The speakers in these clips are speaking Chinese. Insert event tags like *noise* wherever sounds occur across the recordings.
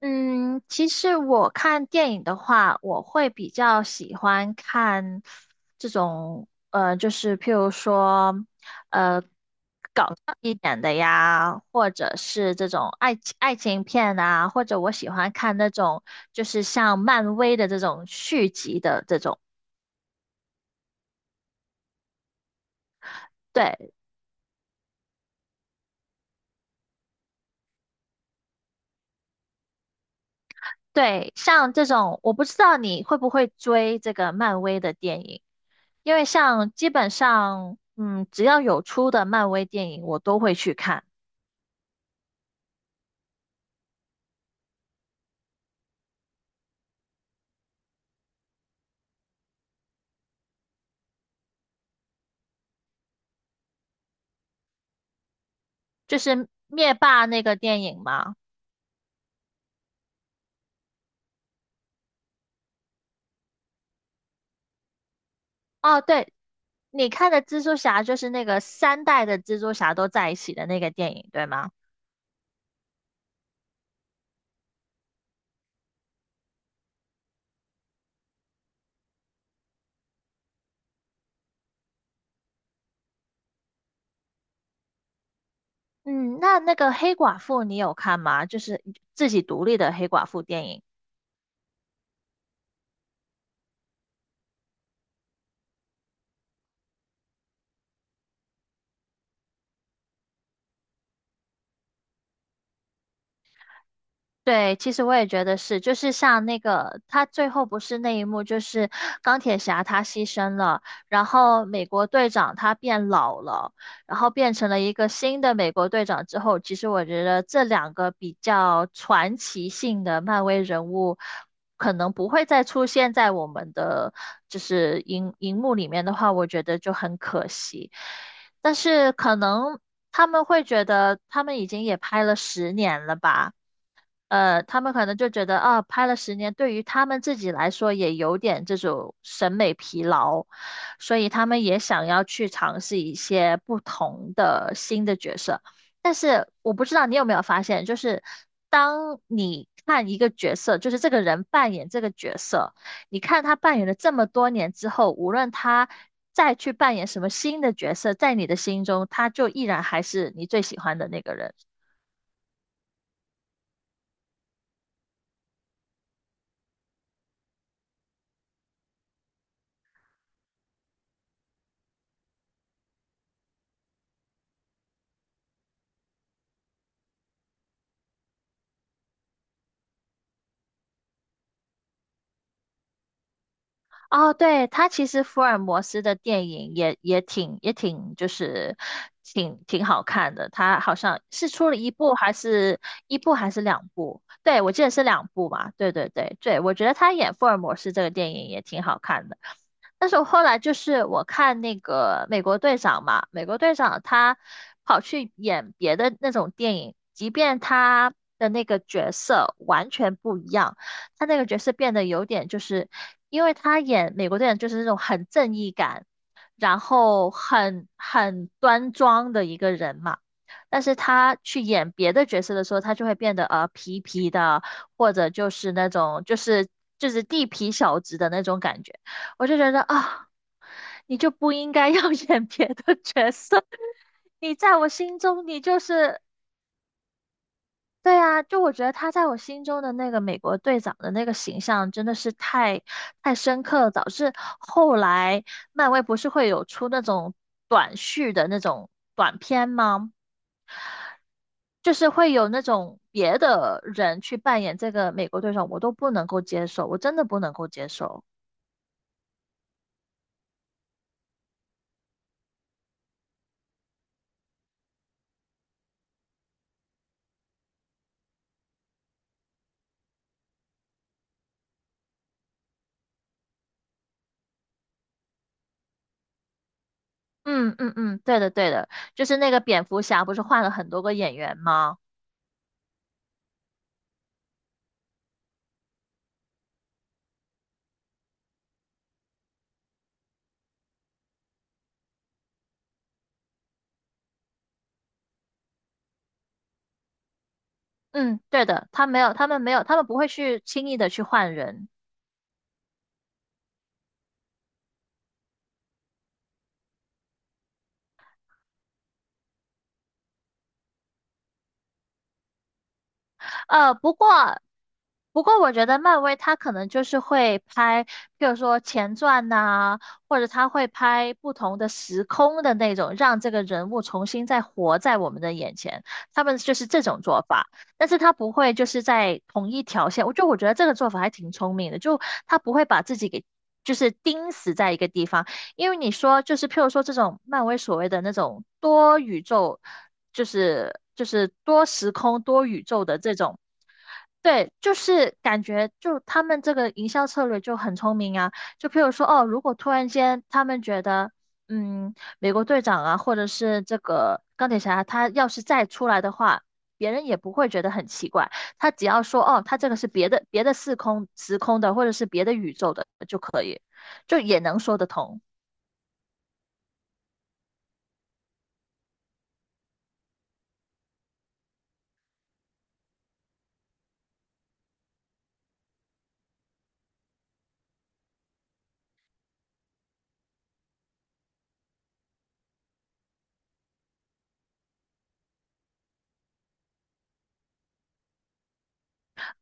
嗯，其实我看电影的话，我会比较喜欢看这种，就是譬如说，呃，搞笑一点的呀，或者是这种爱情片啊，或者我喜欢看那种就是像漫威的这种续集的这种。对对，像这种，我不知道你会不会追这个漫威的电影。因为像基本上，只要有出的漫威电影，我都会去看。就是灭霸那个电影嘛。哦，对，你看的蜘蛛侠就是那个三代的蜘蛛侠都在一起的那个电影，对吗？嗯，那个黑寡妇你有看吗？就是自己独立的黑寡妇电影。对，其实我也觉得是，就是像那个他最后不是那一幕，就是钢铁侠他牺牲了，然后美国队长他变老了，然后变成了一个新的美国队长之后，其实我觉得这两个比较传奇性的漫威人物，可能不会再出现在我们的就是荧幕里面的话，我觉得就很可惜。但是可能他们会觉得他们已经也拍了十年了吧。他们可能就觉得啊，拍了十年，对于他们自己来说也有点这种审美疲劳，所以他们也想要去尝试一些不同的新的角色。但是我不知道你有没有发现，就是当你看一个角色，就是这个人扮演这个角色，你看他扮演了这么多年之后，无论他再去扮演什么新的角色，在你的心中，他就依然还是你最喜欢的那个人。哦，对，他其实福尔摩斯的电影也挺就是挺好看的，他好像是出了一部还是两部？对，我记得是两部嘛。对对对对，我觉得他演福尔摩斯这个电影也挺好看的。但是我后来就是我看那个美国队长嘛，美国队长他跑去演别的那种电影，即便他的那个角色完全不一样，他那个角色变得有点就是，因为他演美国队长就是那种很正义感，然后很端庄的一个人嘛。但是他去演别的角色的时候，他就会变得皮皮的，或者就是那种就是地痞小子的那种感觉。我就觉得啊、你就不应该要 *laughs* 演别的角色，你在我心中你就是对啊，就我觉得他在我心中的那个美国队长的那个形象真的是太深刻了，导致后来漫威不是会有出那种短续的那种短片吗？就是会有那种别的人去扮演这个美国队长，我都不能够接受，我真的不能够接受。嗯嗯嗯，对的对的，就是那个蝙蝠侠不是换了很多个演员吗？嗯，对的，他没有，他们没有，他们不会去轻易的去换人。呃，不过不过我觉得漫威它可能就是会拍，比如说前传呐、或者它会拍不同的时空的那种，让这个人物重新再活在我们的眼前。他们就是这种做法，但是他不会就是在同一条线。我觉得这个做法还挺聪明的，就他不会把自己给就是钉死在一个地方，因为你说就是譬如说这种漫威所谓的那种多宇宙，就是多时空多宇宙的这种，对，就是感觉就他们这个营销策略就很聪明啊。就譬如说哦，如果突然间他们觉得，嗯，美国队长啊，或者是这个钢铁侠，他要是再出来的话。别人也不会觉得很奇怪，他只要说哦，他这个是别的四空时空的，或者是别的宇宙的就可以。就也能说得通。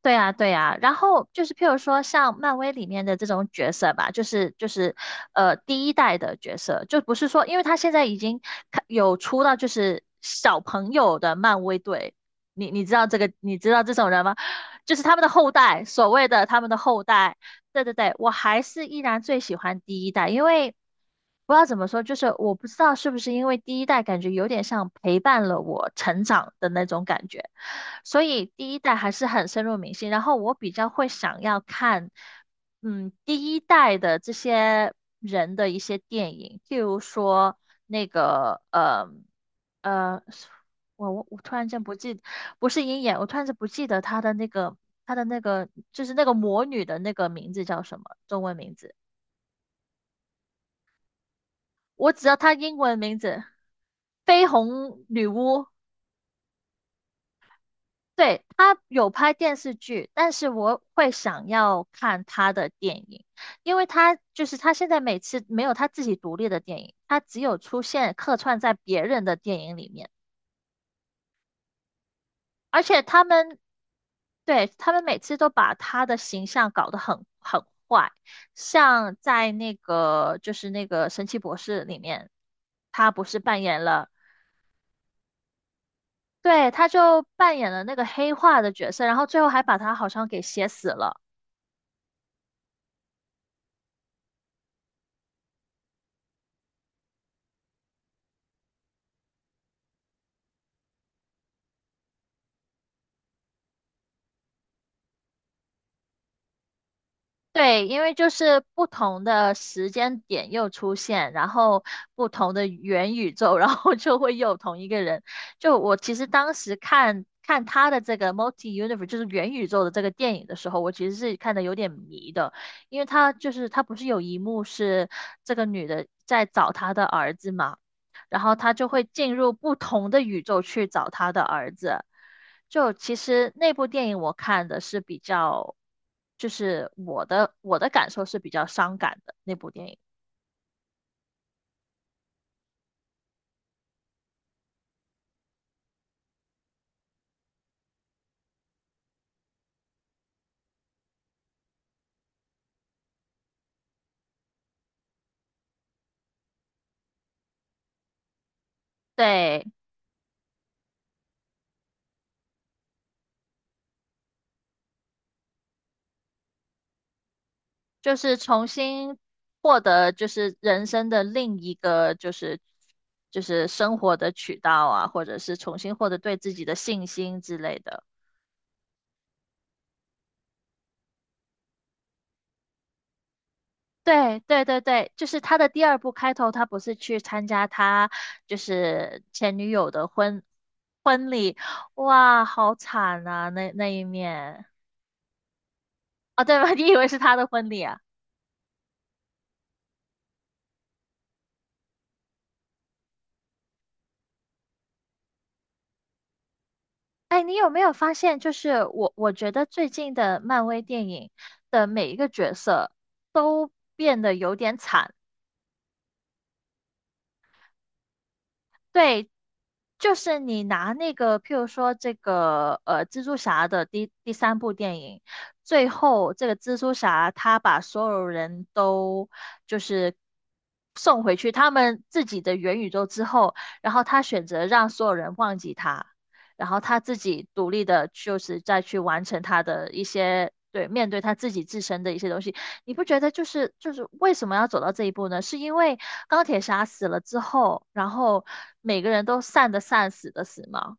对呀，对呀，然后就是譬如说像漫威里面的这种角色吧，就是第一代的角色，就不是说，因为他现在已经开有出到就是小朋友的漫威队，你知道这个，你知道这种人吗？就是他们的后代，所谓的他们的后代，对对对，我还是依然最喜欢第一代，因为不知道怎么说，就是我不知道是不是因为第一代感觉有点像陪伴了我成长的那种感觉。所以第一代还是很深入民心。然后我比较会想要看，第一代的这些人的一些电影，譬如说那个，呃，我突然间不记，不是鹰眼，我突然间不记得他的那个他的那个就是那个魔女的那个名字叫什么中文名字，我只要她英文名字，绯红女巫。对，他有拍电视剧，但是我会想要看他的电影，因为他就是他现在每次没有他自己独立的电影，他只有出现客串在别人的电影里面，而且他们对他们每次都把他的形象搞得很坏，像在那个就是那个神奇博士里面，他不是扮演了，对，他就扮演了那个黑化的角色，然后最后还把他好像给写死了。对，因为就是不同的时间点又出现，然后不同的元宇宙，*laughs* 然后就会又有同一个人。就我其实当时看看他的这个 Multi Universe，就是元宇宙的这个电影的时候，我其实是看的有点迷的，因为他就是他不是有一幕是这个女的在找她的儿子嘛，然后他就会进入不同的宇宙去找他的儿子。就其实那部电影我看的是比较，就是我的感受是比较伤感的那部电影。对，就是重新获得就是人生的另一个就是生活的渠道啊，或者是重新获得对自己的信心之类的。对对对对，就是他的第二部开头，他不是去参加他就是前女友的婚礼，哇，好惨啊，那一面啊，对吧？*laughs* 你以为是他的婚礼啊？哎，你有没有发现，就是我觉得最近的漫威电影的每一个角色都变得有点惨。对，就是你拿那个，譬如说这个蜘蛛侠的第三部电影，最后这个蜘蛛侠他把所有人都就是送回去他们自己的元宇宙之后，然后他选择让所有人忘记他，然后他自己独立的，就是再去完成他的一些。对，面对他自己自身的一些东西，你不觉得就是为什么要走到这一步呢？是因为钢铁侠死了之后，然后每个人都散的散，死的死吗？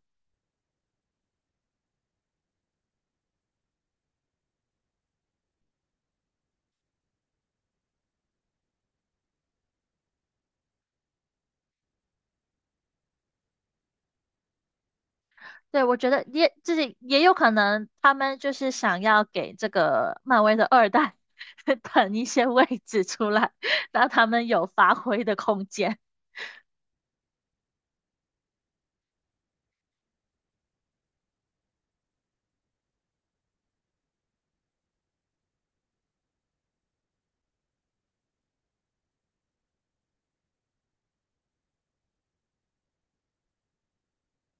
对，我觉得也就是也有可能，他们就是想要给这个漫威的二代 *laughs* 腾一些位置出来，让他们有发挥的空间。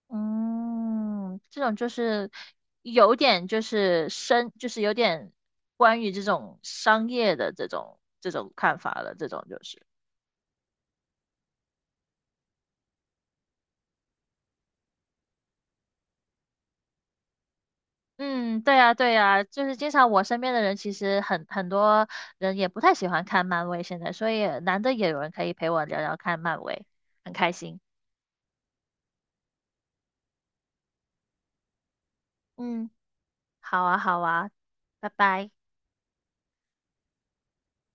嗯，这种就是有点就是深，就是有点关于这种商业的这种看法了，这种就是。嗯，对呀，对呀，就是经常我身边的人，其实很多人也不太喜欢看漫威，现在，所以难得也有人可以陪我聊聊看漫威，很开心。嗯，好啊，好啊，拜拜。